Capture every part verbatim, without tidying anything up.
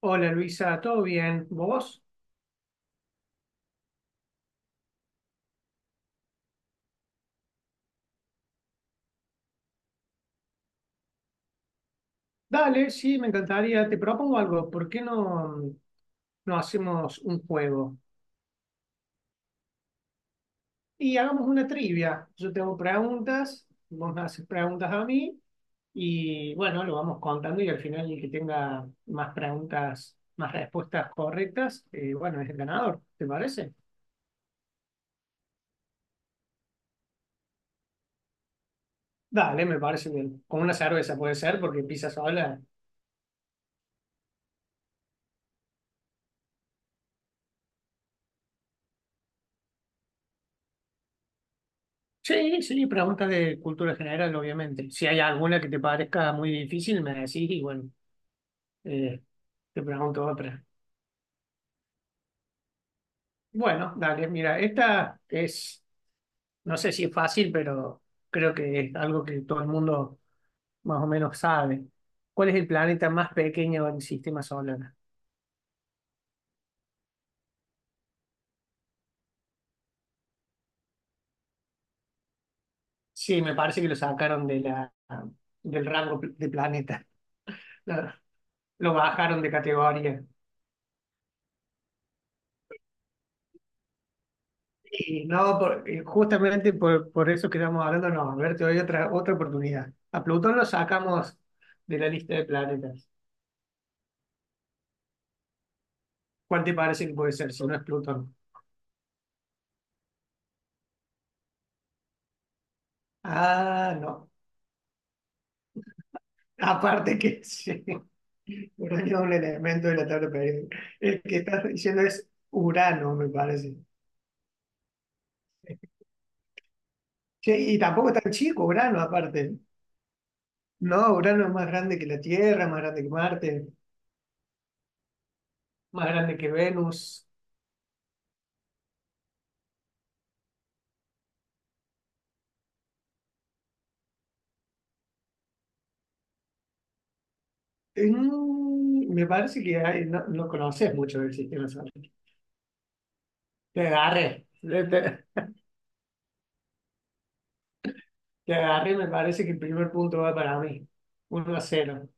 Hola Luisa, ¿todo bien? ¿Vos? Dale, sí, me encantaría. Te propongo algo. ¿Por qué no, no hacemos un juego? Y hagamos una trivia. Yo tengo preguntas, vos me haces preguntas a mí y bueno, lo vamos contando y al final el que tenga más preguntas, más respuestas correctas, eh, bueno, es el ganador, ¿te parece? Dale, me parece bien. Con una cerveza puede ser porque empieza sola. Sí, sí, preguntas de cultura general, obviamente. Si hay alguna que te parezca muy difícil, me decís y bueno. Eh, Te pregunto otra. Bueno, dale, mira, esta es, no sé si es fácil, pero creo que es algo que todo el mundo más o menos sabe. ¿Cuál es el planeta más pequeño del sistema solar? Sí, me parece que lo sacaron de la, del rango pl- de planeta. Lo, lo bajaron de categoría. Y no, por- y justamente por, por eso que estamos hablando, no, a ver, te doy otra, otra oportunidad. A Plutón lo sacamos de la lista de planetas. ¿Cuál te parece que puede ser si no es Plutón? Ah, no. Aparte que sí. Uranio es un elemento de la tabla periódica. El que estás diciendo es Urano, me parece. Che, y tampoco es tan chico Urano, aparte. No, Urano es más grande que la Tierra, más grande que Marte, más grande que Venus. Eh, Mm, me parece que hay- no, no conoces mucho del sistema solar. Te agarré. Te, te- te agarré, me parece que el primer punto va para mí. Uno a cero.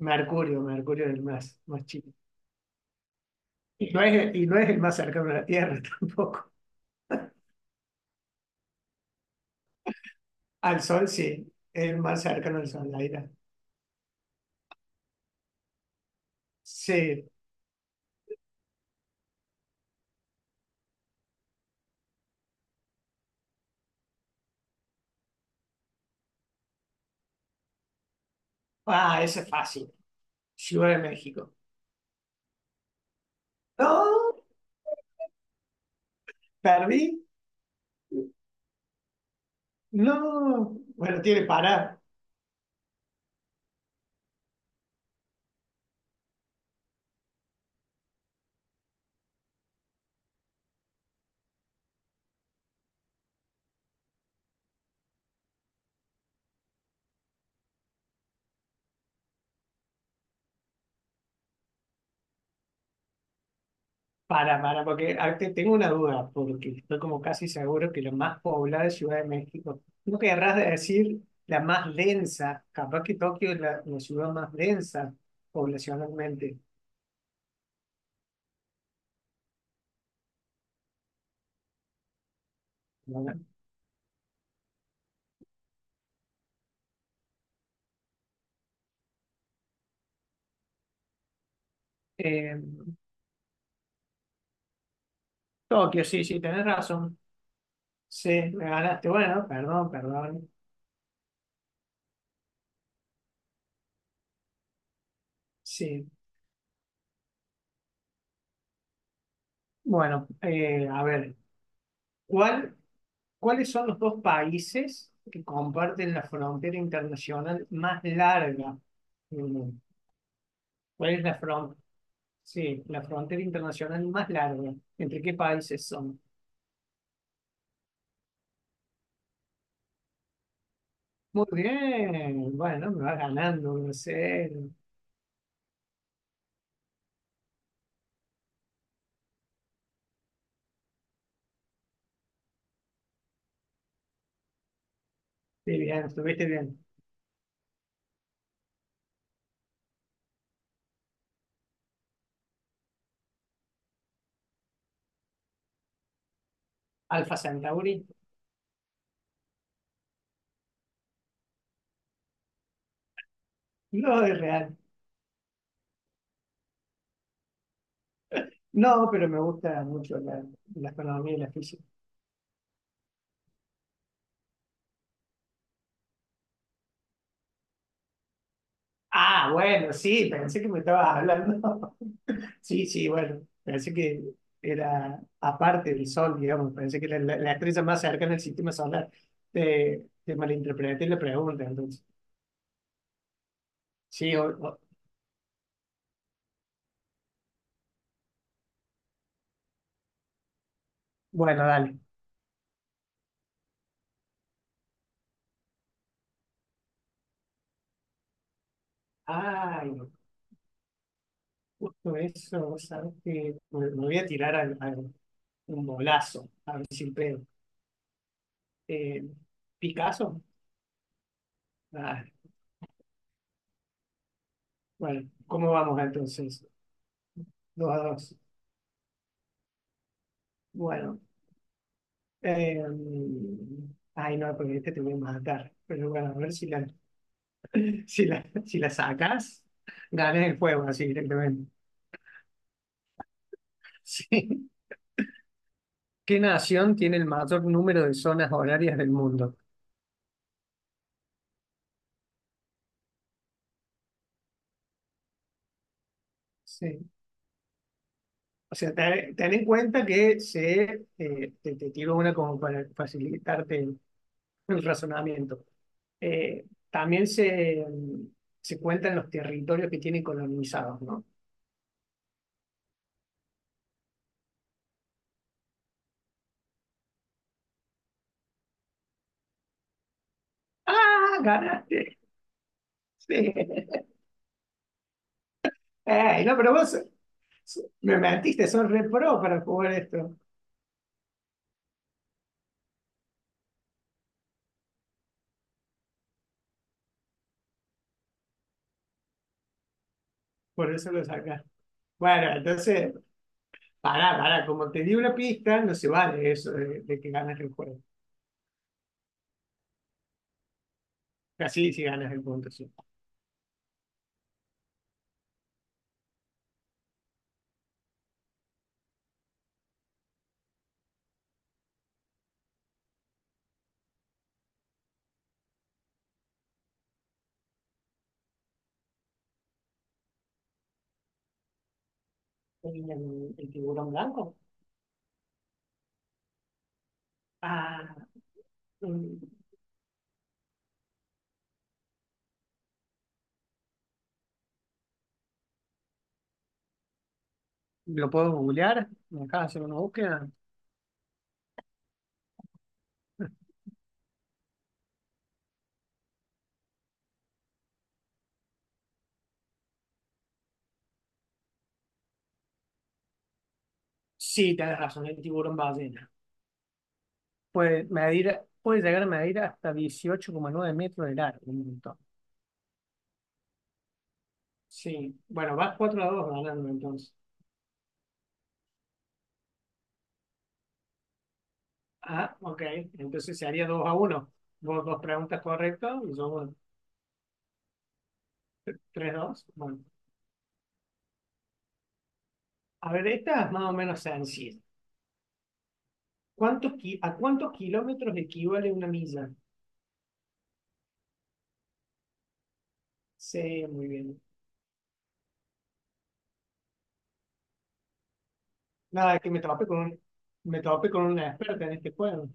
Mercurio, Mercurio es el más, más chico. Y no es, y no es el más cercano a la Tierra tampoco. Al Sol sí, es el más cercano al Sol, la ira. Sí. Ah, ese es fácil. Ciudad de México. No, perdí. No. Bueno, tiene para, para, para, porque a- te- tengo una duda, porque estoy como casi seguro que la más poblada es Ciudad de México. No querrás decir la más densa, capaz que Tokio es la, la ciudad más densa poblacionalmente. ¿No? Eh, Tokio, sí, sí, tenés razón. Sí, me ganaste. Bueno, perdón, perdón. Sí. Bueno, eh, a ver, ¿cuál, ¿cuáles son los dos países que comparten la frontera internacional más larga? Mm, ¿Cuál es la fron- Sí, la frontera internacional más larga. ¿Entre qué países son? Muy bien. Bueno, me vas ganando, no sé. Sí, bien, estuviste bien. Alfa Centauri. No, es real. No, pero me gusta mucho la, la astronomía y la física. Ah, bueno, sí, pensé que me estabas hablando. Sí, sí, bueno, pensé que era aparte del Sol, digamos, pensé que era la, la estrella más cercana al sistema solar. Te, te malinterpreté la pregunta, entonces. Sí, o- o- bueno, dale. Ay, justo eso, ¿sabes qué? Me, me voy a tirar al- al- un bolazo, a ver si pego. Eh, ¿Picasso? Ah, bueno, ¿cómo vamos entonces? Dos a dos. Bueno, Eh, ay, no, porque este te voy a matar. Pero bueno, a ver si la, si la, si la sacas, ganas el juego así directamente. Sí. ¿Qué nación tiene el mayor número de zonas horarias del mundo? Sí. O sea, ten, ten en cuenta que se, eh, te, te tiro una como para facilitarte el, el razonamiento. Eh, también se, se cuentan los territorios que tienen colonizados, ¿no? ¡Ah, ganaste! Sí. Eh, no, pero vos so- me mentiste, son re pro para jugar esto. Por eso lo sacás. Bueno, entonces, pará, pará, como te di una pista, no se vale eso de, de que ganas el juego. Casi si ganas el punto, sí. ¿El, el tiburón blanco? Ah, mm, ¿lo puedo googlear? ¿Me dejas hacer una búsqueda? Sí, tenés razón, el tiburón ballena. Puede medir, puede llegar a medir hasta dieciocho coma nueve metros de largo, un montón. Sí, bueno, vas cuatro a dos ganando entonces. Ah, ok. Entonces se haría dos a uno. Vos dos preguntas correctas y yo tres dos. Bueno, a ver, esta es más o menos sencilla. ¿Cuántos ki- ¿A cuántos kilómetros equivale una milla? Sí, muy bien. Nada, que me tope con, un- me tope con una experta en este juego.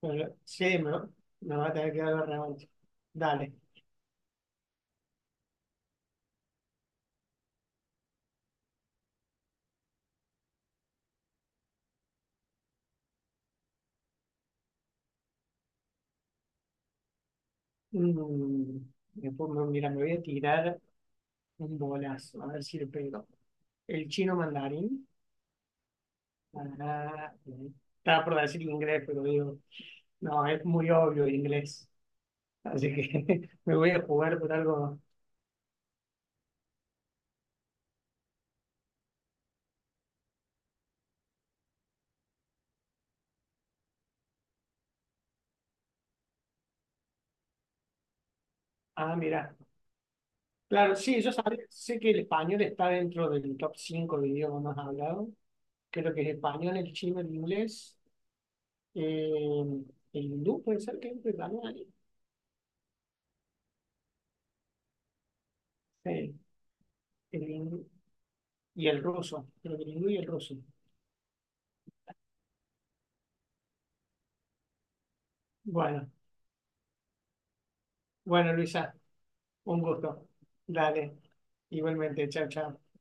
Pero, sí, me, va me va a tener que dar la revancha. Dale. Mm, después me- mira, me voy a tirar un bolazo, a ver si le pego. El chino mandarín. Ah, sí. Estaba por decir inglés, pero digo, no, es muy obvio el inglés. Así que me voy a jugar por algo. Ah, mira. Claro, sí, yo sabía, sé que el español está dentro del top cinco de idiomas más hablados. Creo que es español, el chino, el inglés, eh, el hindú, puede ser que entre también ahí. Sí, el hindú y el ruso. Creo que el hindú y el ruso. Bueno, bueno, Luisa, un gusto. Dale, igualmente, chao, chao.